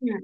Yeah.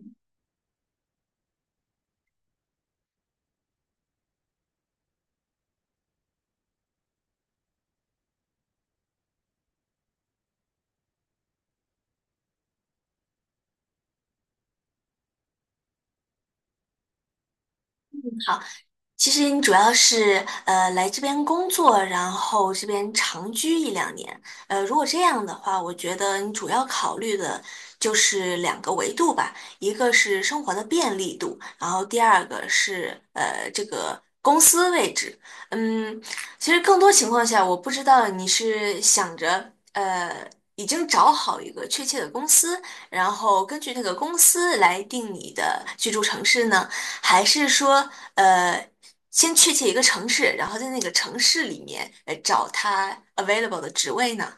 其实你主要是来这边工作，然后这边长居一两年。如果这样的话，我觉得你主要考虑的就是两个维度吧，一个是生活的便利度，然后第二个是这个公司位置。嗯，其实更多情况下，我不知道你是想着。已经找好一个确切的公司，然后根据那个公司来定你的居住城市呢，还是说，呃，先确切一个城市，然后在那个城市里面找它 available 的职位呢？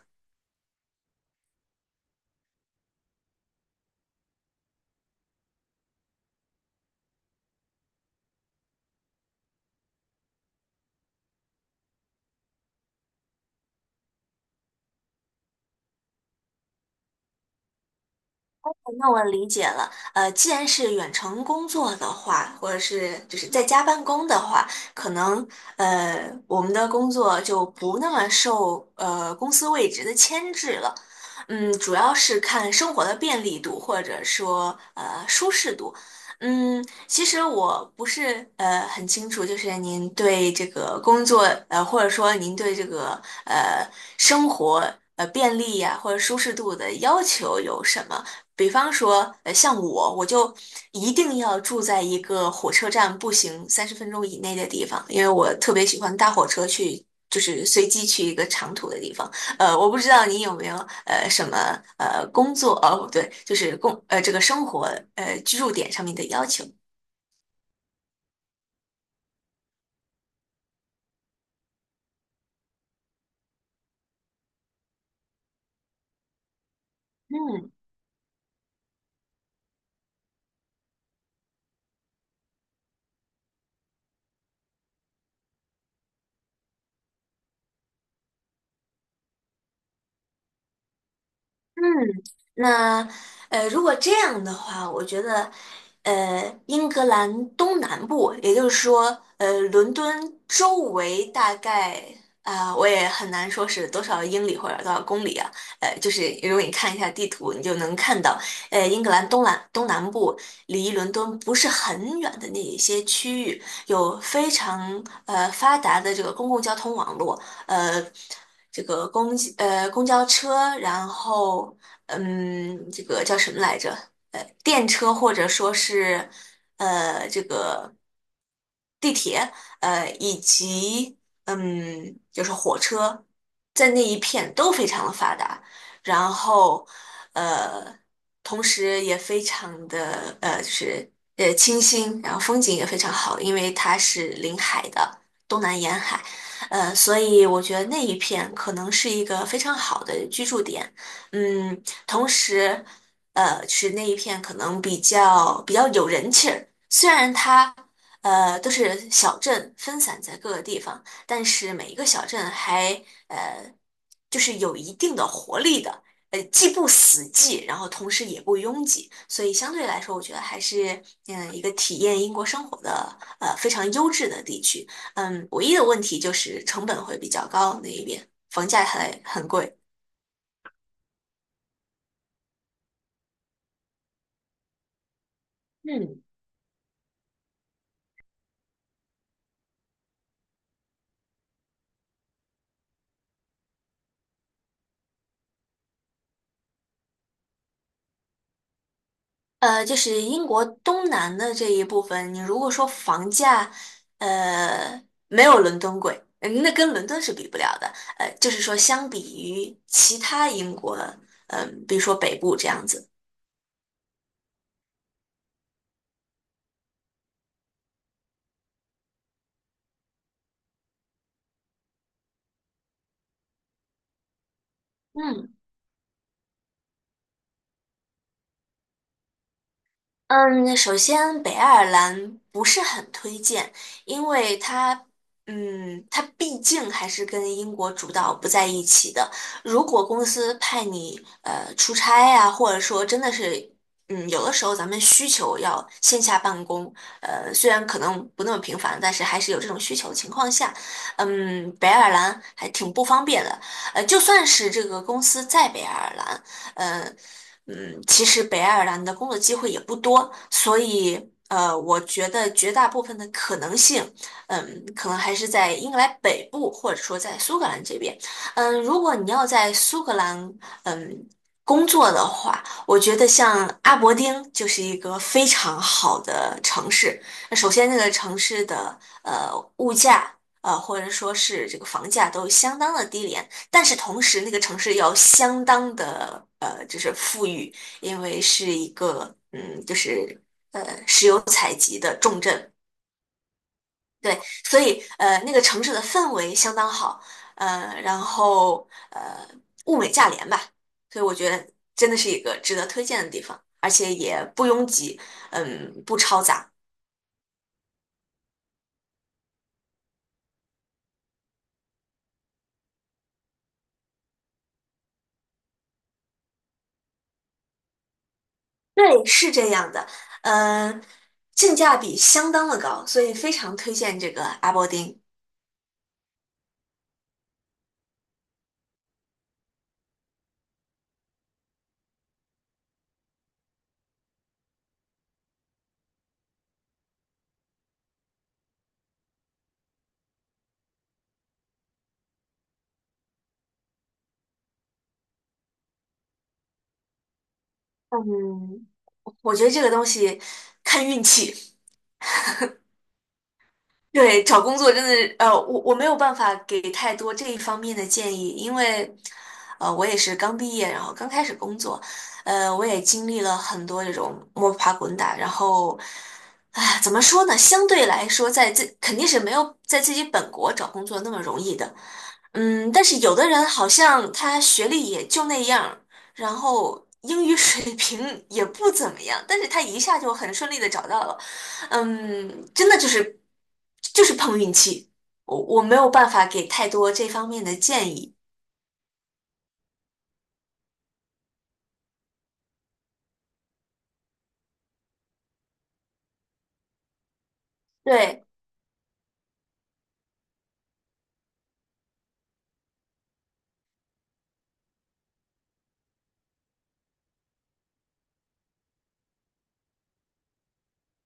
那我理解了，既然是远程工作的话，或者是就是在家办公的话，可能我们的工作就不那么受公司位置的牵制了，主要是看生活的便利度或者说舒适度，其实我不是很清楚，就是您对这个工作或者说您对这个生活便利呀、或者舒适度的要求有什么？比方说，像我，我就一定要住在一个火车站步行30分钟以内的地方，因为我特别喜欢搭火车去，就是随机去一个长途的地方。我不知道你有没有什么工作，哦，不对，就是这个生活居住点上面的要求。嗯嗯，那如果这样的话，我觉得，英格兰东南部，也就是说，伦敦周围大概我也很难说是多少英里或者多少公里啊，就是如果你看一下地图，你就能看到，英格兰东南部离伦敦不是很远的那一些区域，有非常发达的这个公共交通网络，呃。这个公交车，然后这个叫什么来着？电车或者说是这个地铁，以及就是火车，在那一片都非常的发达，然后呃，同时也非常的就是清新，然后风景也非常好，因为它是临海的东南沿海，所以我觉得那一片可能是一个非常好的居住点，嗯，同时是那一片可能比较有人气儿。虽然它都是小镇分散在各个地方，但是每一个小镇还呃，就是有一定的活力的，既不死寂，然后同时也不拥挤，所以相对来说，我觉得还是一个体验英国生活的非常优质的地区。唯一的问题就是成本会比较高，那一边房价还很贵。嗯，就是英国东南的这一部分，你如果说房价，呃，没有伦敦贵，那跟伦敦是比不了的。就是说相比于其他英国，比如说北部这样子，嗯。嗯，首先北爱尔兰不是很推荐，因为它毕竟还是跟英国主导不在一起的。如果公司派你出差呀、或者说真的是，有的时候咱们需求要线下办公，虽然可能不那么频繁，但是还是有这种需求的情况下，北爱尔兰还挺不方便的。就算是这个公司在北爱尔兰。呃其实北爱尔兰的工作机会也不多，所以我觉得绝大部分的可能性，可能还是在英格兰北部，或者说在苏格兰这边。如果你要在苏格兰，嗯。工作的话，我觉得像阿伯丁就是一个非常好的城市。那首先，这个城市的呃物价，或者说是这个房价都相当的低廉，但是同时那个城市要相当的就是富裕，因为是一个就是石油采集的重镇，对，所以那个城市的氛围相当好，然后物美价廉吧，所以我觉得真的是一个值得推荐的地方，而且也不拥挤，不嘈杂，对，是这样的，嗯、性价比相当的高，所以非常推荐这个阿伯丁。嗯，我觉得这个东西看运气。对，找工作真的，我没有办法给太多这一方面的建议，因为，我也是刚毕业，然后刚开始工作，我也经历了很多这种摸爬滚打，然后，唉，怎么说呢？相对来说，肯定是没有在自己本国找工作那么容易的，但是有的人好像他学历也就那样儿然后英语水平也不怎么样，但是他一下就很顺利的找到了。真的就是碰运气，我没有办法给太多这方面的建议。对，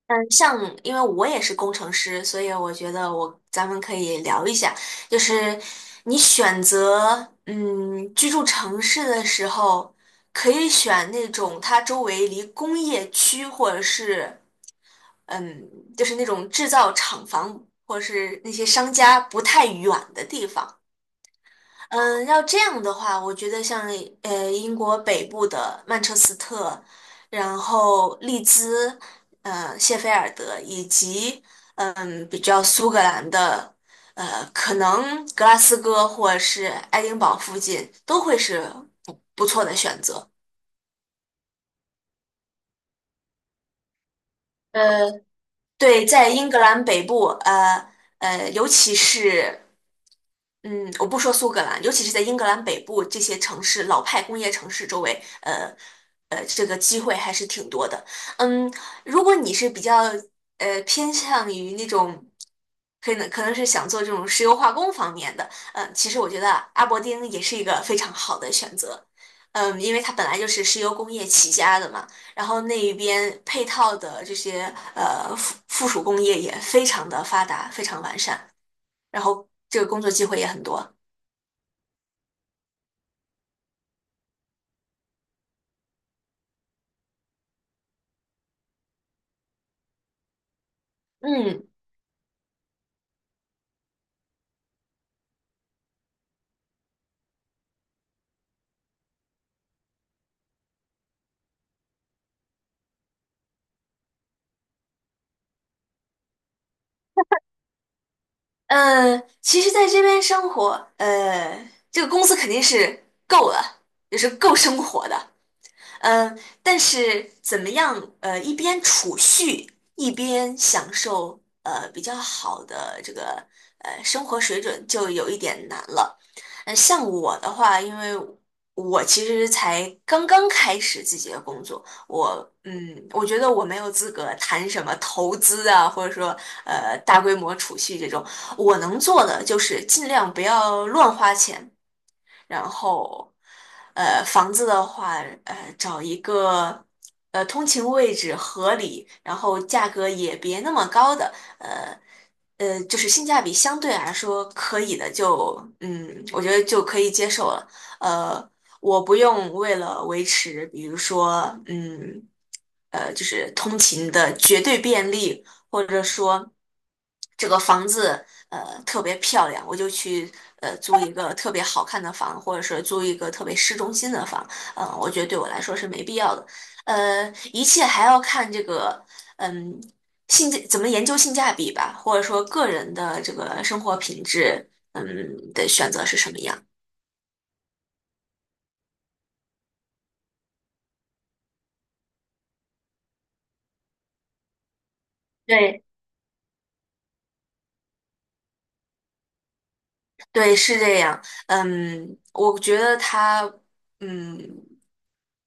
嗯，像因为我也是工程师，所以我觉得咱们可以聊一下，就是你选择居住城市的时候，可以选那种它周围离工业区或者是嗯就是那种制造厂房或者是那些商家不太远的地方。嗯，要这样的话，我觉得像英国北部的曼彻斯特，然后利兹，谢菲尔德，以及比较苏格兰的，可能格拉斯哥或者是爱丁堡附近都会是不错的选择。呃，对，在英格兰北部，尤其是。嗯，我不说苏格兰，尤其是在英格兰北部这些城市，老派工业城市周围，这个机会还是挺多的。嗯，如果你是比较偏向于那种，可能是想做这种石油化工方面的，其实我觉得阿伯丁也是一个非常好的选择。因为它本来就是石油工业起家的嘛，然后那一边配套的这些附属工业也非常的发达，非常完善，然后这个工作机会也很多。嗯，其实在这边生活，这个工资肯定是够了，也是够生活的。嗯，但是怎么样？一边储蓄，一边享受比较好的这个生活水准，就有一点难了。像我的话，因为我其实才刚刚开始自己的工作，我觉得我没有资格谈什么投资啊，或者说大规模储蓄这种。我能做的就是尽量不要乱花钱。然后，房子的话，找一个通勤位置合理，然后价格也别那么高的，呃就是性价比相对来说可以的就，我觉得就可以接受了。呃，我不用为了维持，比如说，就是通勤的绝对便利或者说这个房子特别漂亮，我就去租一个特别好看的房，或者是租一个特别市中心的房，我觉得对我来说是没必要的。一切还要看这个嗯怎么研究性价比吧，或者说个人的这个生活品质的选择是什么样。对，对，是这样。我觉得他，嗯，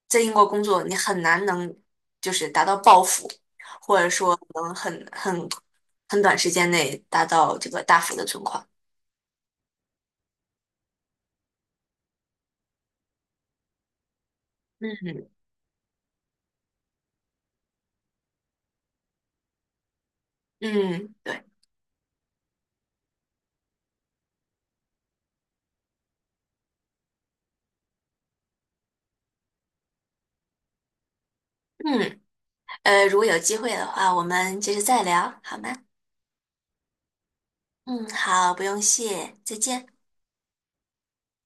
在英国工作，你很难能就是达到暴富，能很短时间内达到这个大幅的存款。嗯，嗯，对，嗯，如果有机会的话，我们接着再聊，好吗？嗯，好，不用谢，再见。